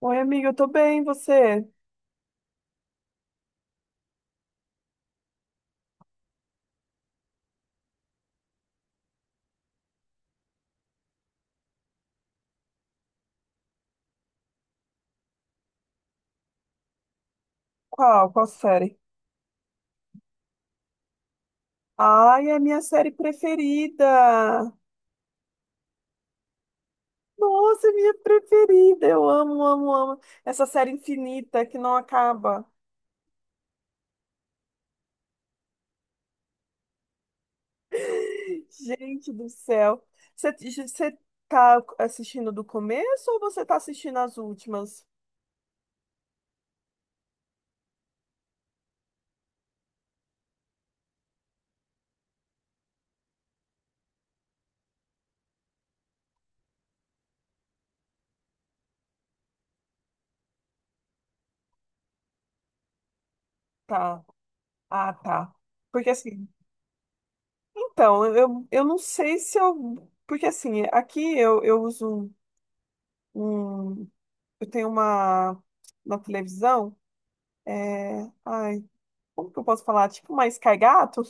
Oi, amiga, eu tô bem, e você? Qual série? Ai, é a minha série preferida! Nossa, é minha preferida! Eu amo, amo, amo essa série infinita que não acaba. Gente do céu! Você, você tá assistindo do começo ou você tá assistindo as últimas? Tá. Ah, tá. Porque assim, então, eu não sei se eu. Porque assim, aqui eu uso um. um- Eu tenho uma. Na televisão. É, ai, como que eu posso falar? Tipo uma Sky Gato.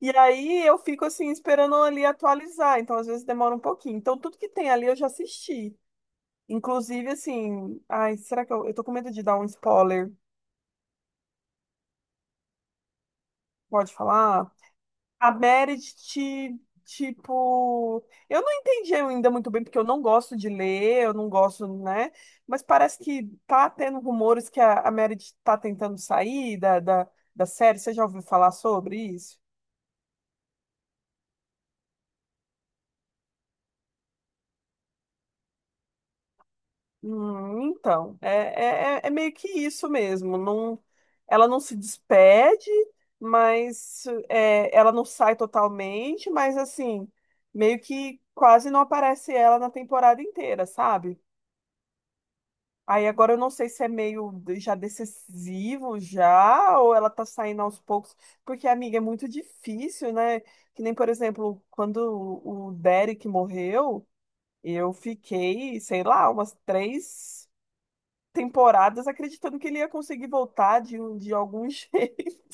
E aí eu fico assim esperando ali atualizar, então às vezes demora um pouquinho. Então tudo que tem ali eu já assisti. Inclusive assim, ai, será que eu tô com medo de dar um spoiler? Pode falar? A Meredith, tipo, eu não entendi ainda muito bem porque eu não gosto de ler, eu não gosto, né? Mas parece que tá tendo rumores que a Meredith tá tentando sair da série. Você já ouviu falar sobre isso? Então, é meio que isso mesmo. Não, ela não se despede, mas é, ela não sai totalmente, mas assim, meio que quase não aparece ela na temporada inteira, sabe? Aí agora eu não sei se é meio já decisivo já, ou ela tá saindo aos poucos, porque, amiga, é muito difícil, né? Que nem, por exemplo, quando o Derek morreu, eu fiquei, sei lá, umas três temporadas acreditando que ele ia conseguir voltar de algum jeito.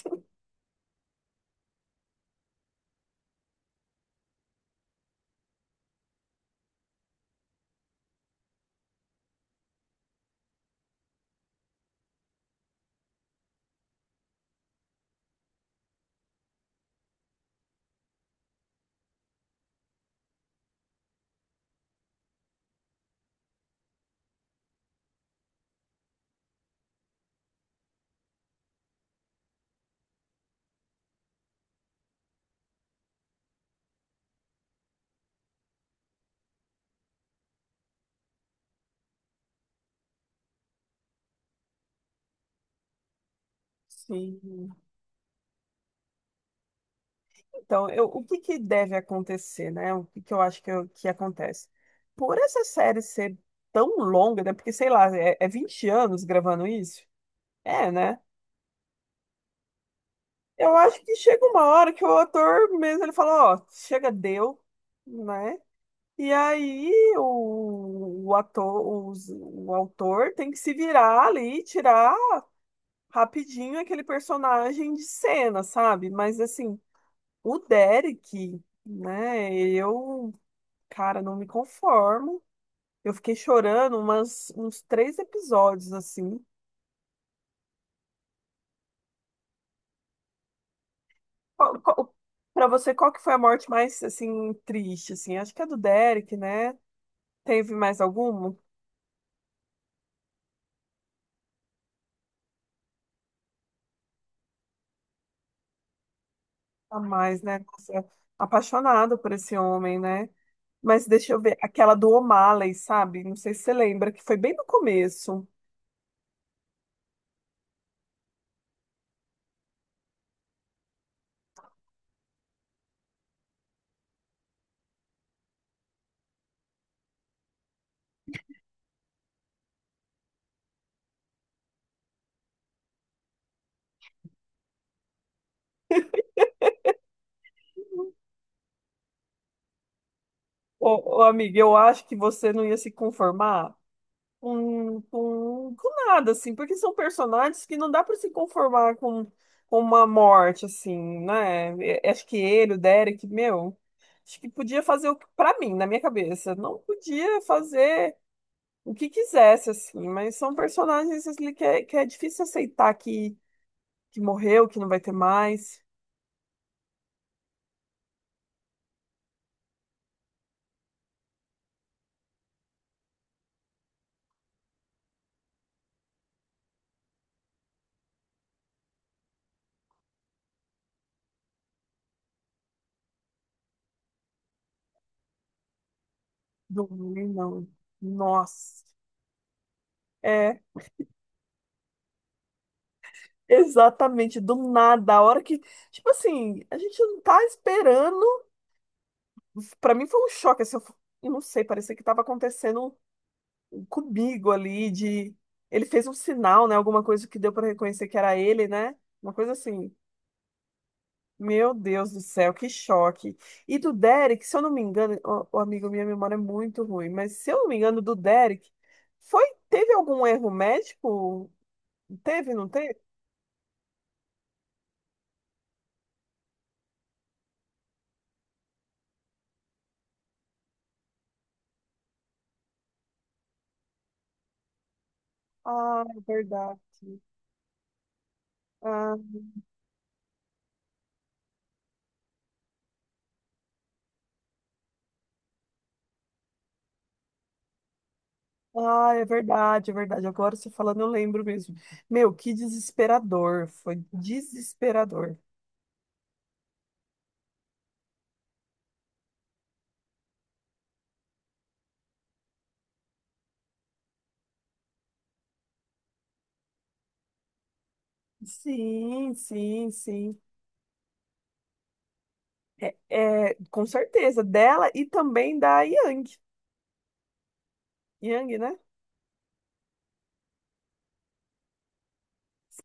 Sim. Então, o que que deve acontecer, né? O que que eu acho que, que acontece? Por essa série ser tão longa, né? Porque, sei lá, é 20 anos gravando isso? É, né? Eu acho que chega uma hora que o ator mesmo, ele fala, ó, chega, deu, né? E aí o ator, o autor tem que se virar ali, tirar rapidinho aquele personagem de cena, sabe? Mas assim, o Derek, né? Eu, cara, não me conformo. Eu fiquei chorando uns três episódios, assim. Qual, qual- pra você, qual que foi a morte mais, assim, triste, assim? Acho que é do Derek, né? Teve mais alguma? A mais, né? Nossa, apaixonada por esse homem, né? Mas deixa eu ver, aquela do O'Malley, sabe? Não sei se você lembra, que foi bem no começo. Ô, amiga, eu acho que você não ia se conformar com, com nada, assim, porque são personagens que não dá para se conformar com uma morte, assim, né? Acho que ele, o Derek, meu, acho que podia fazer o que, pra mim, na minha cabeça, não podia fazer o que quisesse, assim, mas são personagens assim, que é difícil aceitar que morreu, que não vai ter mais. Não, não. Nossa. É, exatamente, do nada, a hora que, tipo assim, a gente não tá esperando. Pra mim foi um choque, assim, eu não sei, parecia que tava acontecendo comigo ali de ele fez um sinal, né, alguma coisa que deu pra reconhecer que era ele, né? Uma coisa assim. Meu Deus do céu, que choque. E do Derek, se eu não me engano, o amigo, minha memória é muito ruim, mas se eu não me engano, do Derek, foi, teve algum erro médico? Teve, não teve? Ah, é verdade. Ah. Ah, é verdade, é verdade. Agora você falando, eu lembro mesmo. Meu, que desesperador. Foi desesperador. Sim, sim, sim. É, com certeza, dela e também da Yang. Yang, né?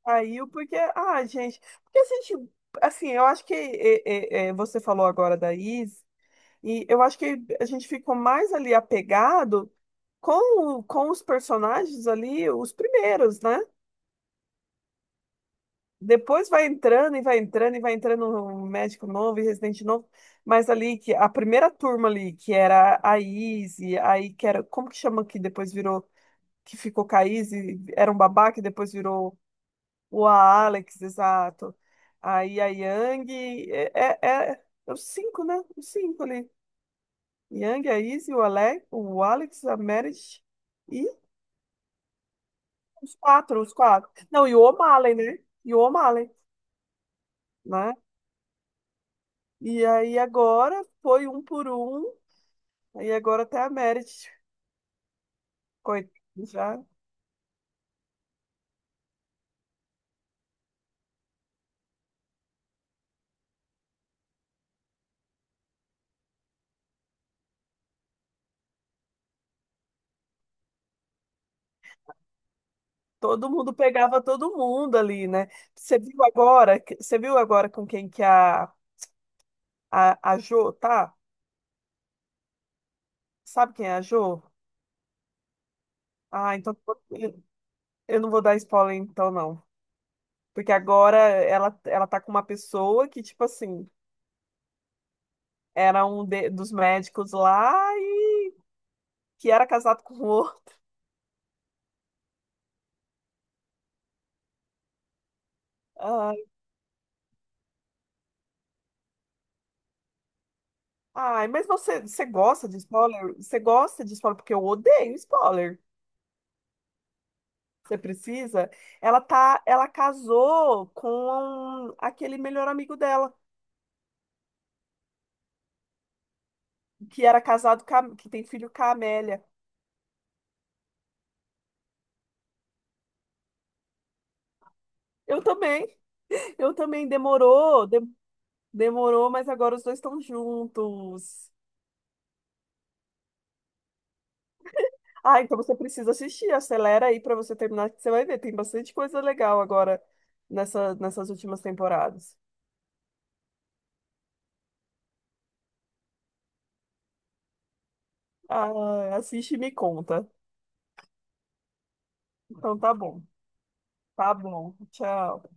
Saiu porque, ah, gente, porque se a gente, assim, eu acho que é, você falou agora da Is, e eu acho que a gente ficou mais ali apegado com os personagens ali, os primeiros, né? Depois vai entrando e vai entrando e vai entrando um médico novo e residente novo. Mas ali que a primeira turma ali, que era a Izzy, aí que era, como que chama que depois virou, que ficou com a Izzy, era um babá que depois virou o Alex, exato. Aí a Yang, é os cinco, né? Os cinco ali. Yang, a Izzy, o Alex, a Meredith e os quatro. Não, e o O'Malley, né? E o O'Malley, né? E aí agora foi um por um, aí agora até a Merit, coitada, já todo mundo pegava todo mundo ali, né? Você viu agora, você viu agora com quem que a Jo tá? Sabe quem é a Jo? Ah, então eu eu não vou dar spoiler então não, porque agora ela tá com uma pessoa que tipo assim, era um dos médicos lá e que era casado com outro. Ai, mas você gosta de spoiler? Você gosta de spoiler? Porque eu odeio spoiler. Você precisa? Ela casou com aquele melhor amigo dela, que era casado com que tem filho com a Amélia. Eu também, eu também demorou, demorou, mas agora os dois estão juntos. Ah, então você precisa assistir, acelera aí pra você terminar, que você vai ver, tem bastante coisa legal agora nessas últimas temporadas. Ah, assiste e me conta. Então tá bom. Tá bom, tchau.